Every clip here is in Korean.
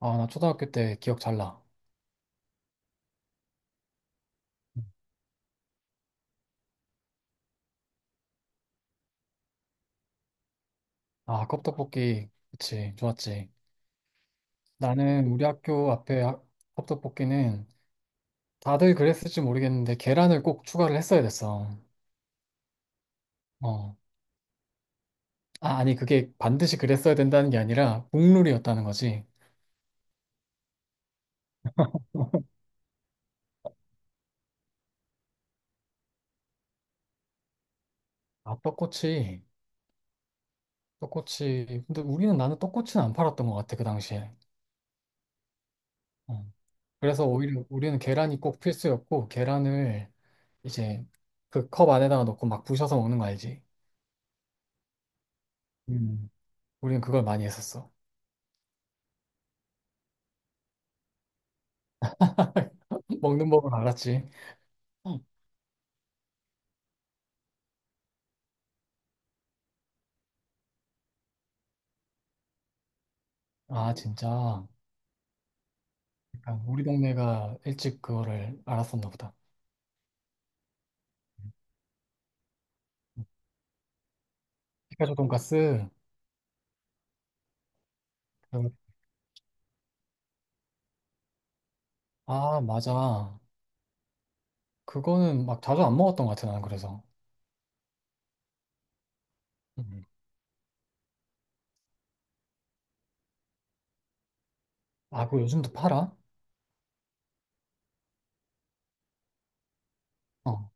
아, 나 초등학교 때 기억 잘 나. 아, 컵떡볶이. 그치, 좋았지. 나는 우리 학교 앞에 하- 컵떡볶이는 다들 그랬을지 모르겠는데 계란을 꼭 추가를 했어야 됐어. 어. 아, 아니, 그게 반드시 그랬어야 된다는 게 아니라 국룰이었다는 거지. 아, 떡꼬치. 떡꼬치. 근데 우리는 나는 떡꼬치는 안 팔았던 것 같아, 그 당시에. 어. 그래서 오히려 우리는 계란이 꼭 필수였고, 계란을 이제 그 컵 안에다가 넣고 막 부셔서 먹는 거 알지? 음. 우리는 그걸 많이 했었어. 먹는 법은 알았지. 아, 진짜. 약간 우리 동네가 일찍 그거를 알았었나 보다. 피카츄 돈까스. 아, 맞아. 그거는 막 자주 안 먹었던 것 같아, 나는 그래서. 음. 아, 그거 요즘도 팔아? 어,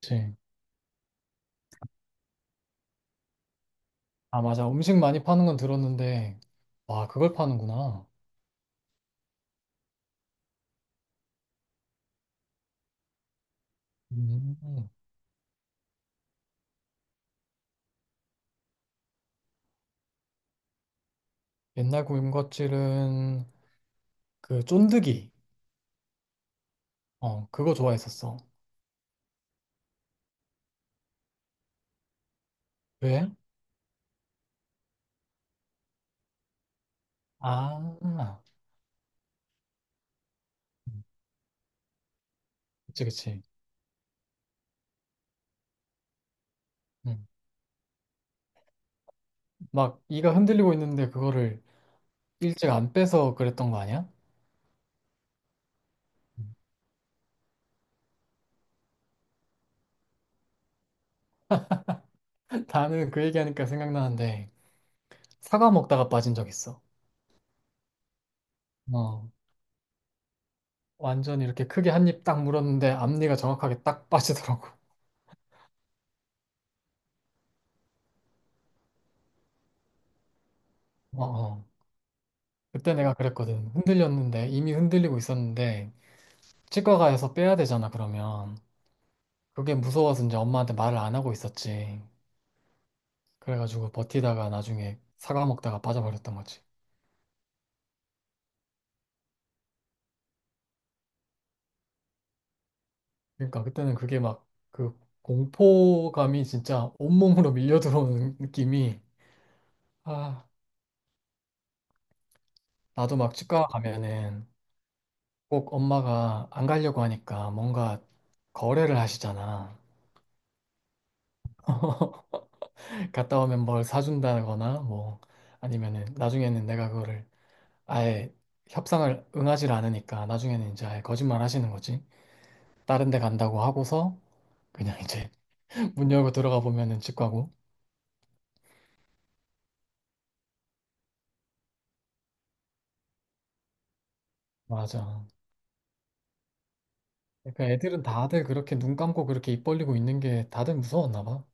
그치. 아, 맞아. 음식 많이 파는 건 들었는데, 와, 그걸 파는구나. 음. 옛날 군것질은 그 쫀득이. 어, 그거 좋아했었어. 왜? 아, 그치, 그치. 응. 막 이가 흔들리고 있는데 그거를 일찍 안 빼서 그랬던 거 아니야? 나는 그 얘기하니까 생각나는데 사과 먹다가 빠진 적 있어. 어, 완전 이렇게 크게 한입 딱 물었는데 앞니가 정확하게 딱 빠지더라고. 어, 어. 그때 내가 그랬거든. 흔들렸는데 이미 흔들리고 있었는데 치과 가서 빼야 되잖아 그러면 그게 무서워서 이제 엄마한테 말을 안 하고 있었지. 그래가지고 버티다가 나중에 사과 먹다가 빠져버렸던 거지. 그러니까 그때는 그게 막 그 공포감이 진짜 온몸으로 밀려 들어오는 느낌이. 아, 나도 막 치과 가면은 꼭 엄마가 안 가려고 하니까 뭔가 거래를 하시잖아. 갔다 오면 뭘 사준다거나 뭐 아니면은 나중에는 내가 그거를 아예 협상을 응하지 않으니까 나중에는 이제 아예 거짓말 하시는 거지. 다른 데 간다고 하고서 그냥 이제 문 열고 들어가 보면은 치과고. 맞아. 그러니까 애들은 다들 그렇게 눈 감고 그렇게 입 벌리고 있는 게 다들 무서웠나 봐.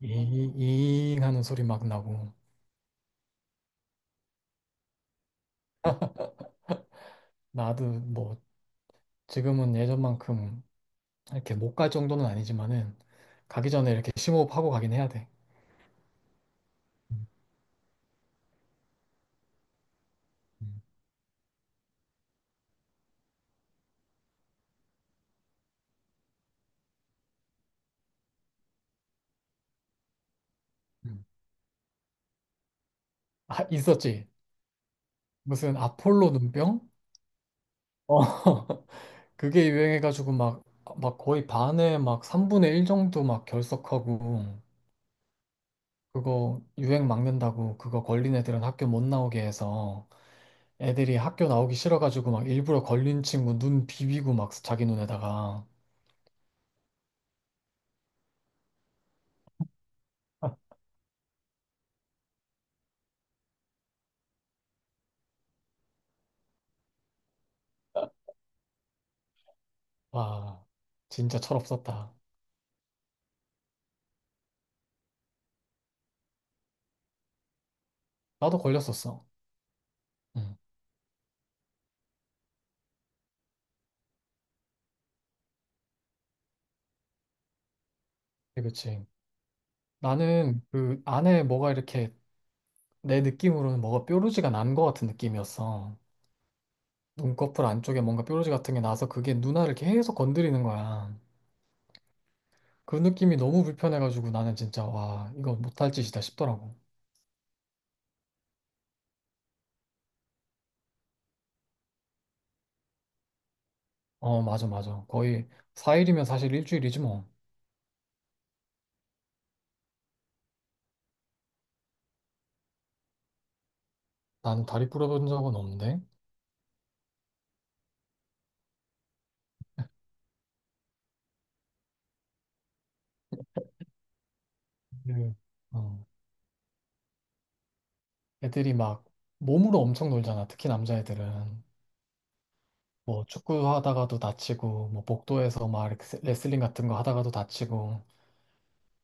이, 이잉 하는 소리 막 나고. 나도 뭐 지금은 예전만큼 이렇게 못 갈 정도는 아니지만은 가기 전에 이렇게 심호흡하고 가긴 해야 돼. 음, 음, 음. 아, 있었지. 무슨 아폴로 눈병? 어. 그게 유행해가지고 막, 막 거의 반에 막 3분의 1 정도 막 결석하고 그거 유행 막는다고 그거 걸린 애들은 학교 못 나오게 해서 애들이 학교 나오기 싫어가지고 막 일부러 걸린 친구 눈 비비고 막 자기 눈에다가. 와 진짜 철없었다. 나도 걸렸었어. 응, 그치. 그치. 나는 그 안에 뭐가 이렇게 내 느낌으로는 뭐가 뾰루지가 난 것 같은 느낌이었어. 눈꺼풀 안쪽에 뭔가 뾰루지 같은 게 나서 그게 누나를 계속 건드리는 거야. 그 느낌이 너무 불편해가지고 나는 진짜, 와, 이거 못할 짓이다 싶더라고. 어 맞아 맞아. 거의 4일이면 사실 일주일이지 뭐. 나는 다리 부러본 적은 없는데. 그, 어, 애들이 막 몸으로 엄청 놀잖아. 특히 남자애들은. 뭐 축구 하다가도 다치고, 뭐 복도에서 막 이렇게 레슬링 같은 거 하다가도 다치고.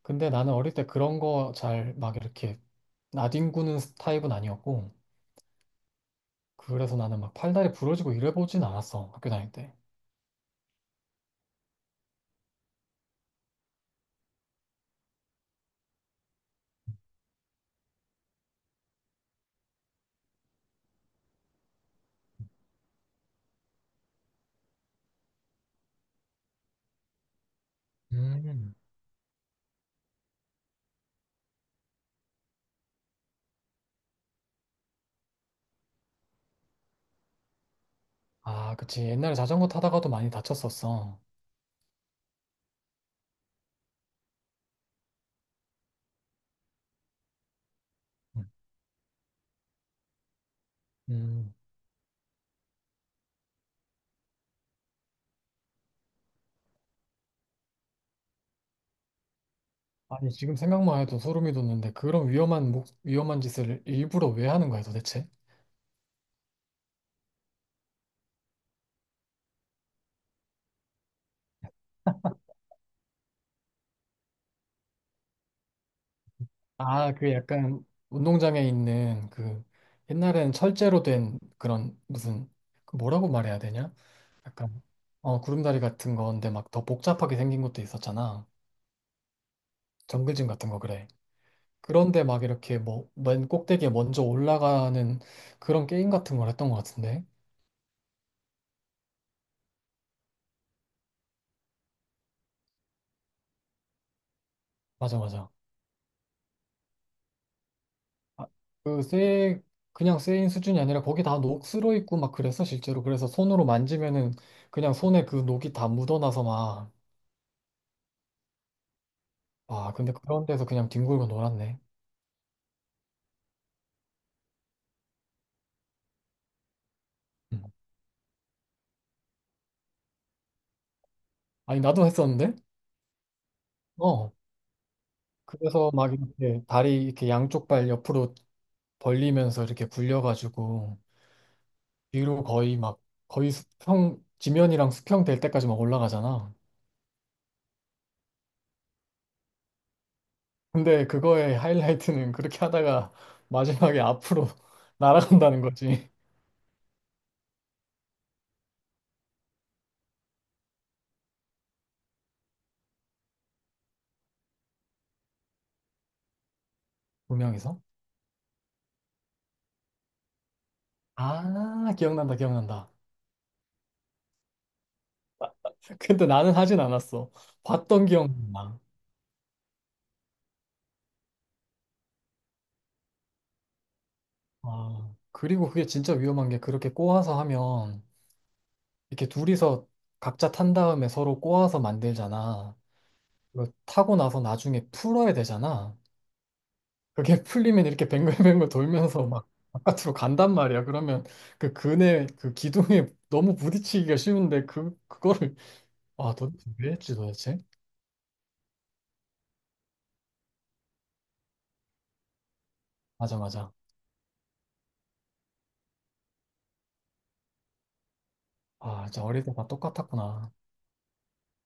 근데 나는 어릴 때 그런 거 잘 막 이렇게 나뒹구는 타입은 아니었고, 그래서 나는 막 팔다리 부러지고 이래보진 않았어. 학교 다닐 때. 음, 아, 그치. 옛날에 자전거 타다가도 많이 다쳤었어. 음. 음. 아니, 지금 생각만 해도 소름이 돋는데 그런 위험한, 목- 위험한 짓을 일부러 왜 하는 거야, 도대체? 아, 그 약간 운동장에 있는 그 옛날엔 철제로 된 그런 무슨 그 뭐라고 말해야 되냐? 약간 어 구름다리 같은 건데 막 더 복잡하게 생긴 것도 있었잖아. 정글짐 같은 거 그래. 그런데 막 이렇게 뭐 맨 꼭대기에 먼저 올라가는 그런 게임 같은 걸 했던 것 같은데. 맞아 맞아. 아, 그 쇠, 그냥 쇠인 수준이 아니라 거기 다 녹슬어 있고 막 그랬어 실제로. 그래서 손으로 만지면은 그냥 손에 그 녹이 다 묻어나서 막. 아, 근데 그런 데서 그냥 뒹굴고 놀았네. 음. 아니, 나도 했었는데? 어. 그래서 막 이렇게 다리 이렇게 양쪽 발 옆으로 벌리면서 이렇게 굴려가지고 뒤로 거의 막 거의 수평, 지면이랑 수평 될 때까지 막 올라가잖아. 근데 그거의 하이라이트는 그렇게 하다가 마지막에 앞으로 날아간다는 거지. 두 명이서? 아, 기억난다, 기억난다. 근데 나는 하진 않았어. 봤던 기억나. 아, 그리고 그게 진짜 위험한 게 그렇게 꼬아서 하면 이렇게 둘이서 각자 탄 다음에 서로 꼬아서 만들잖아. 그 타고 나서 나중에 풀어야 되잖아. 그게 풀리면 이렇게 뱅글뱅글 돌면서 막 바깥으로 간단 말이야. 그러면 그 근에 그 기둥에 너무 부딪히기가 쉬운데 그 그거를. 아, 도대체 왜 했지 도대체? 맞아 맞아. 아 진짜 어릴 때 다 똑같았구나.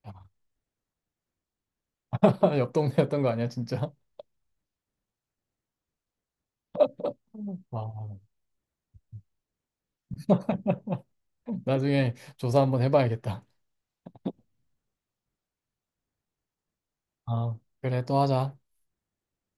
야, 옆 동네였던 거 아니야 진짜? 와, 나중에 조사 한번 해봐야겠다. 아 그래 또 하자.